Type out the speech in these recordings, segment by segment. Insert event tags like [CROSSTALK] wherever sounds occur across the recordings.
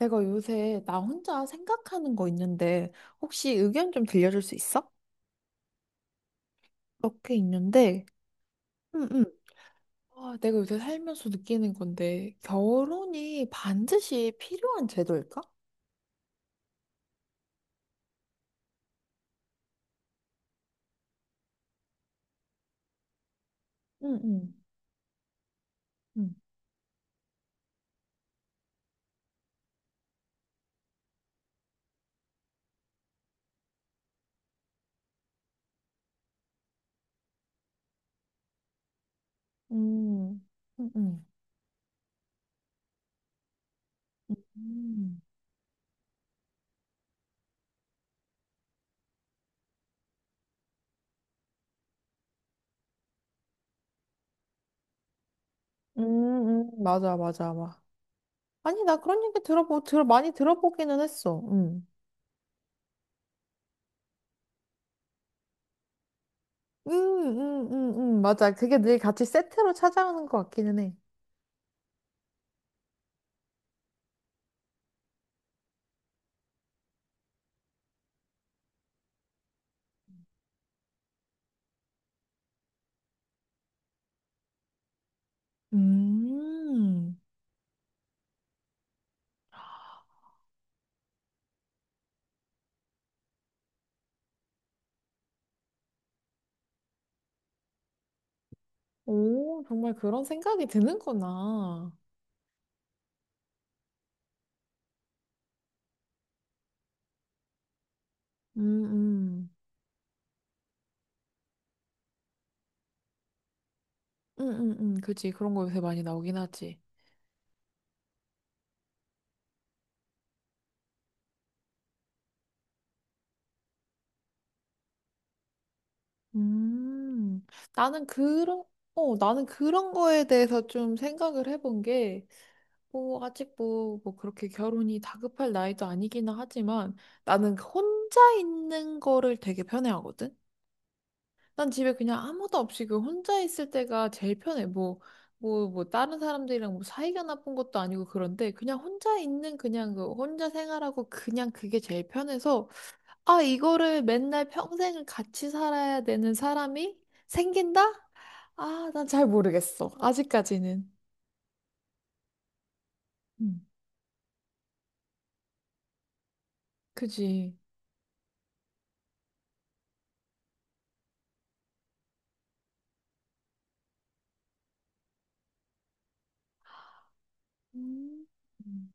내가 요새 나 혼자 생각하는 거 있는데 혹시 의견 좀 들려줄 수 있어? 몇 개 있는데. 응, 응. 아, 내가 요새 살면서 느끼는 건데 결혼이 반드시 필요한 제도일까? 응, 응. 응. 응응 응 응, 응, 응, 맞아, 맞아, 맞아. 아니, 나 그런 얘기 들어보 들 많이 들어보기는 했어. 응응응응응, 맞아. 그게 늘 같이 세트로 찾아오는 것 같기는 해. 음. 오, 정말 그런 생각이 드는구나. 음, 음. 음, 음, 그치. 그런 거 요새 많이 나오긴 하지. 음. 나는 그런, 나는 그런 거에 대해서 좀 생각을 해본 게, 뭐, 아직 뭐, 그렇게 결혼이 다급할 나이도 아니기는 하지만, 나는 혼자 있는 거를 되게 편해하거든? 난 집에 그냥 아무도 없이 그 혼자 있을 때가 제일 편해. 뭐, 다른 사람들이랑 뭐 사이가 나쁜 것도 아니고 그런데 그냥 혼자 있는 그냥 그 혼자 생활하고 그냥 그게 제일 편해서 아, 이거를 맨날 평생을 같이 살아야 되는 사람이 생긴다? 아, 난 잘 모르겠어. 아직까지는. 음, 그지. 음, 음,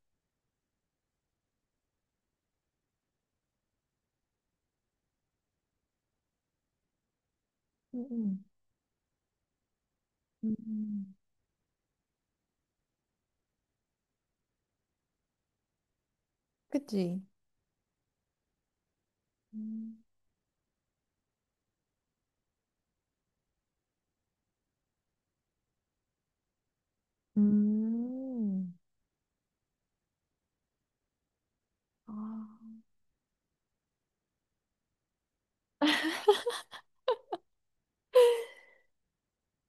음, 음, 그지. 음. 음, 아,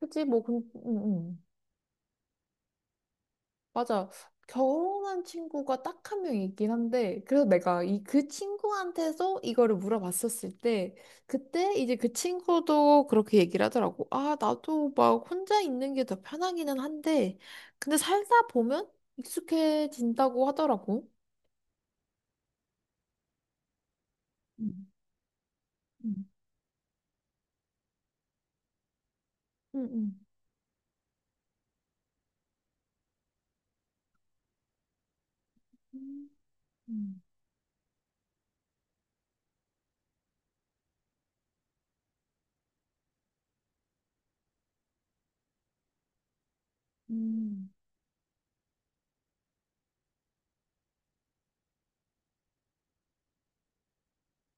그지. 뭐, 그, 음, 음. 맞아. 결혼한 친구가 딱 한 명 있긴 한데, 그래서 내가 이 그 친구한테서 이거를 물어봤었을 때, 그때 이제 그 친구도 그렇게 얘기를 하더라고. 아, 나도 막 혼자 있는 게 더 편하기는 한데, 근데 살다 보면 익숙해진다고 하더라고. 음, 음, 응, 응. 음, 음,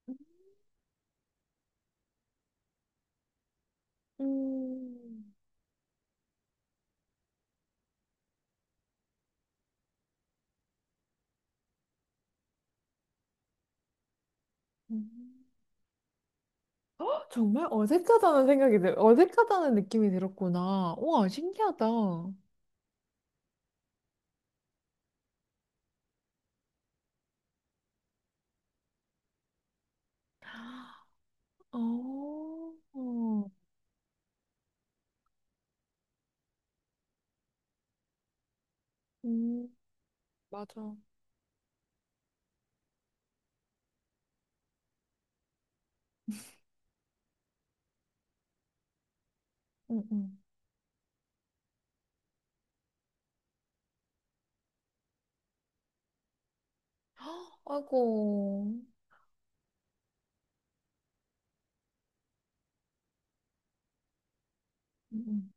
음, 음, 헉, 정말 어색하다는 어색하다는 느낌이 들었구나. 우와, 신기하다. 어, 음, 맞아. 응응 아이고, 응, 응.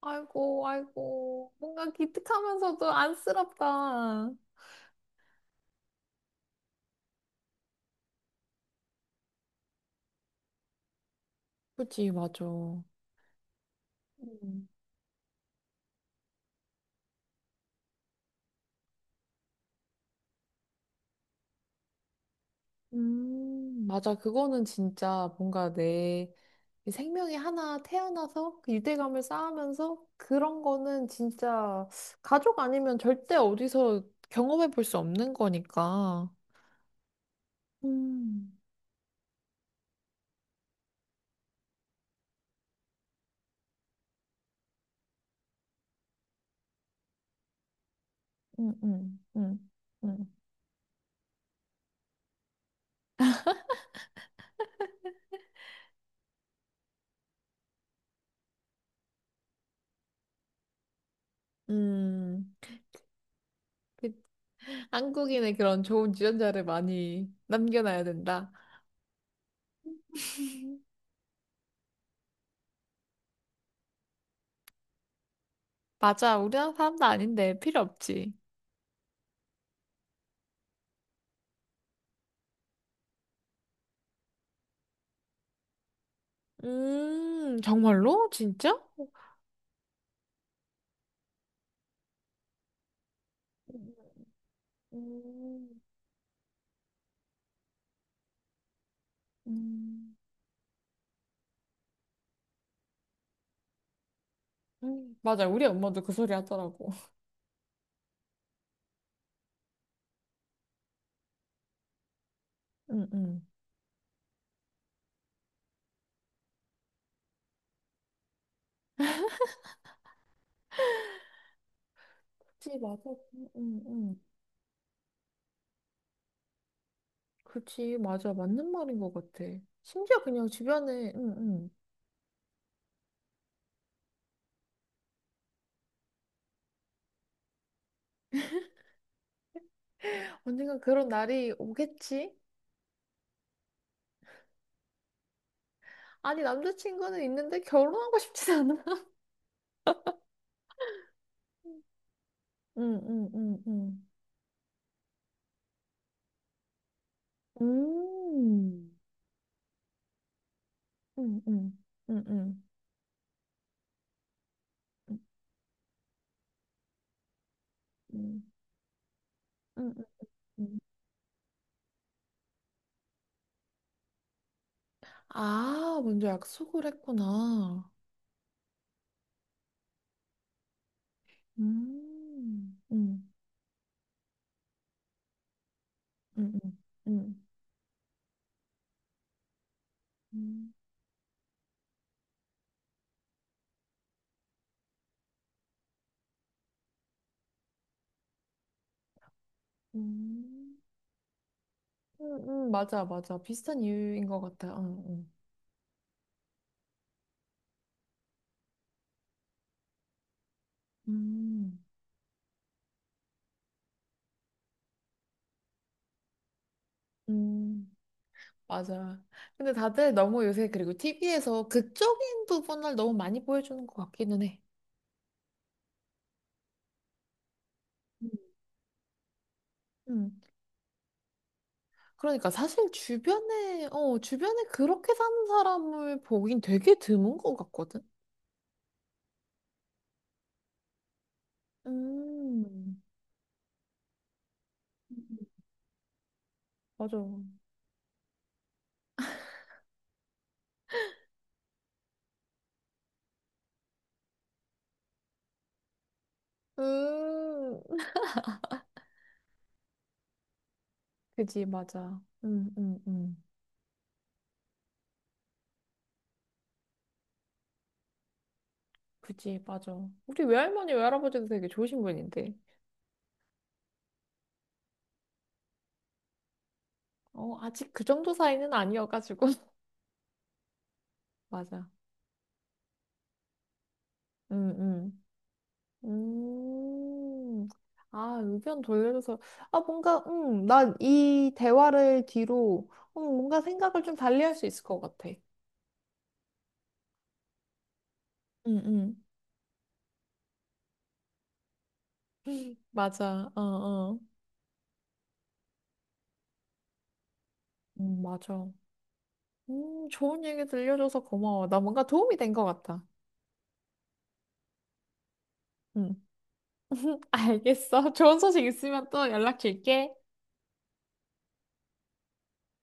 아이고, 아이고. 뭔가 기특하면서도 안쓰럽다. 그치, 맞아. 음, 맞아. 그거는 진짜 뭔가 내 생명이 하나 태어나서 그 유대감을 쌓으면서 그런 거는 진짜 가족 아니면 절대 어디서 경험해 볼 수 없는 거니까. 음. 음, 음, 음, 음. 음, 그 한국인의 그런 좋은 유전자를 많이 남겨놔야 된다. 맞아, 우리나라 사람도 아닌데 필요 없지. 정말로? 진짜? 음, 음, 맞아, 우리 엄마도 그 소리 하더라고. [LAUGHS] 응응. 그치, 맞아. 응응. 그치, 맞아. 맞는 말인 것 같아. 심지어 그냥 주변에 응응 언젠가 그런 날이 오겠지? 아니, 남자친구는 있는데 결혼하고 싶지 않아. 음, 음, 음, 음. 응 음, 음, 음, 음, 음, 음. 아, 먼저 약속을 했구나. 음. 음, 음, 음, 음. 음. 맞아, 맞아. 비슷한 이유인 것 같아. 응, 응. 음. 음, 맞아. 근데 다들 너무 요새 그리고 TV에서 극적인 부분을 너무 많이 보여주는 것 같기는 해. 음, 그러니까 사실 주변에 그렇게 사는 사람을 보긴 되게 드문 것 같거든? 음, 맞아. 음, 그지, 맞아. 그지, 맞아. 우리 외할머니, 외할아버지도 되게 좋으신 분인데. 어, 아직 그 정도 사이는 아니어가지고. [LAUGHS] 맞아. 응, 응. 음, 아, 의견 돌려줘서, 아, 뭔가, 난 이 대화를 뒤로, 뭔가 생각을 좀 달리 할 수 있을 것 같아. 응, 응. [LAUGHS] 맞아. 어, 어. 맞아. 좋은 얘기 들려줘서 고마워. 나 뭔가 도움이 된 것 같아. 응. [LAUGHS] 알겠어. 좋은 소식 있으면 또 연락 줄게.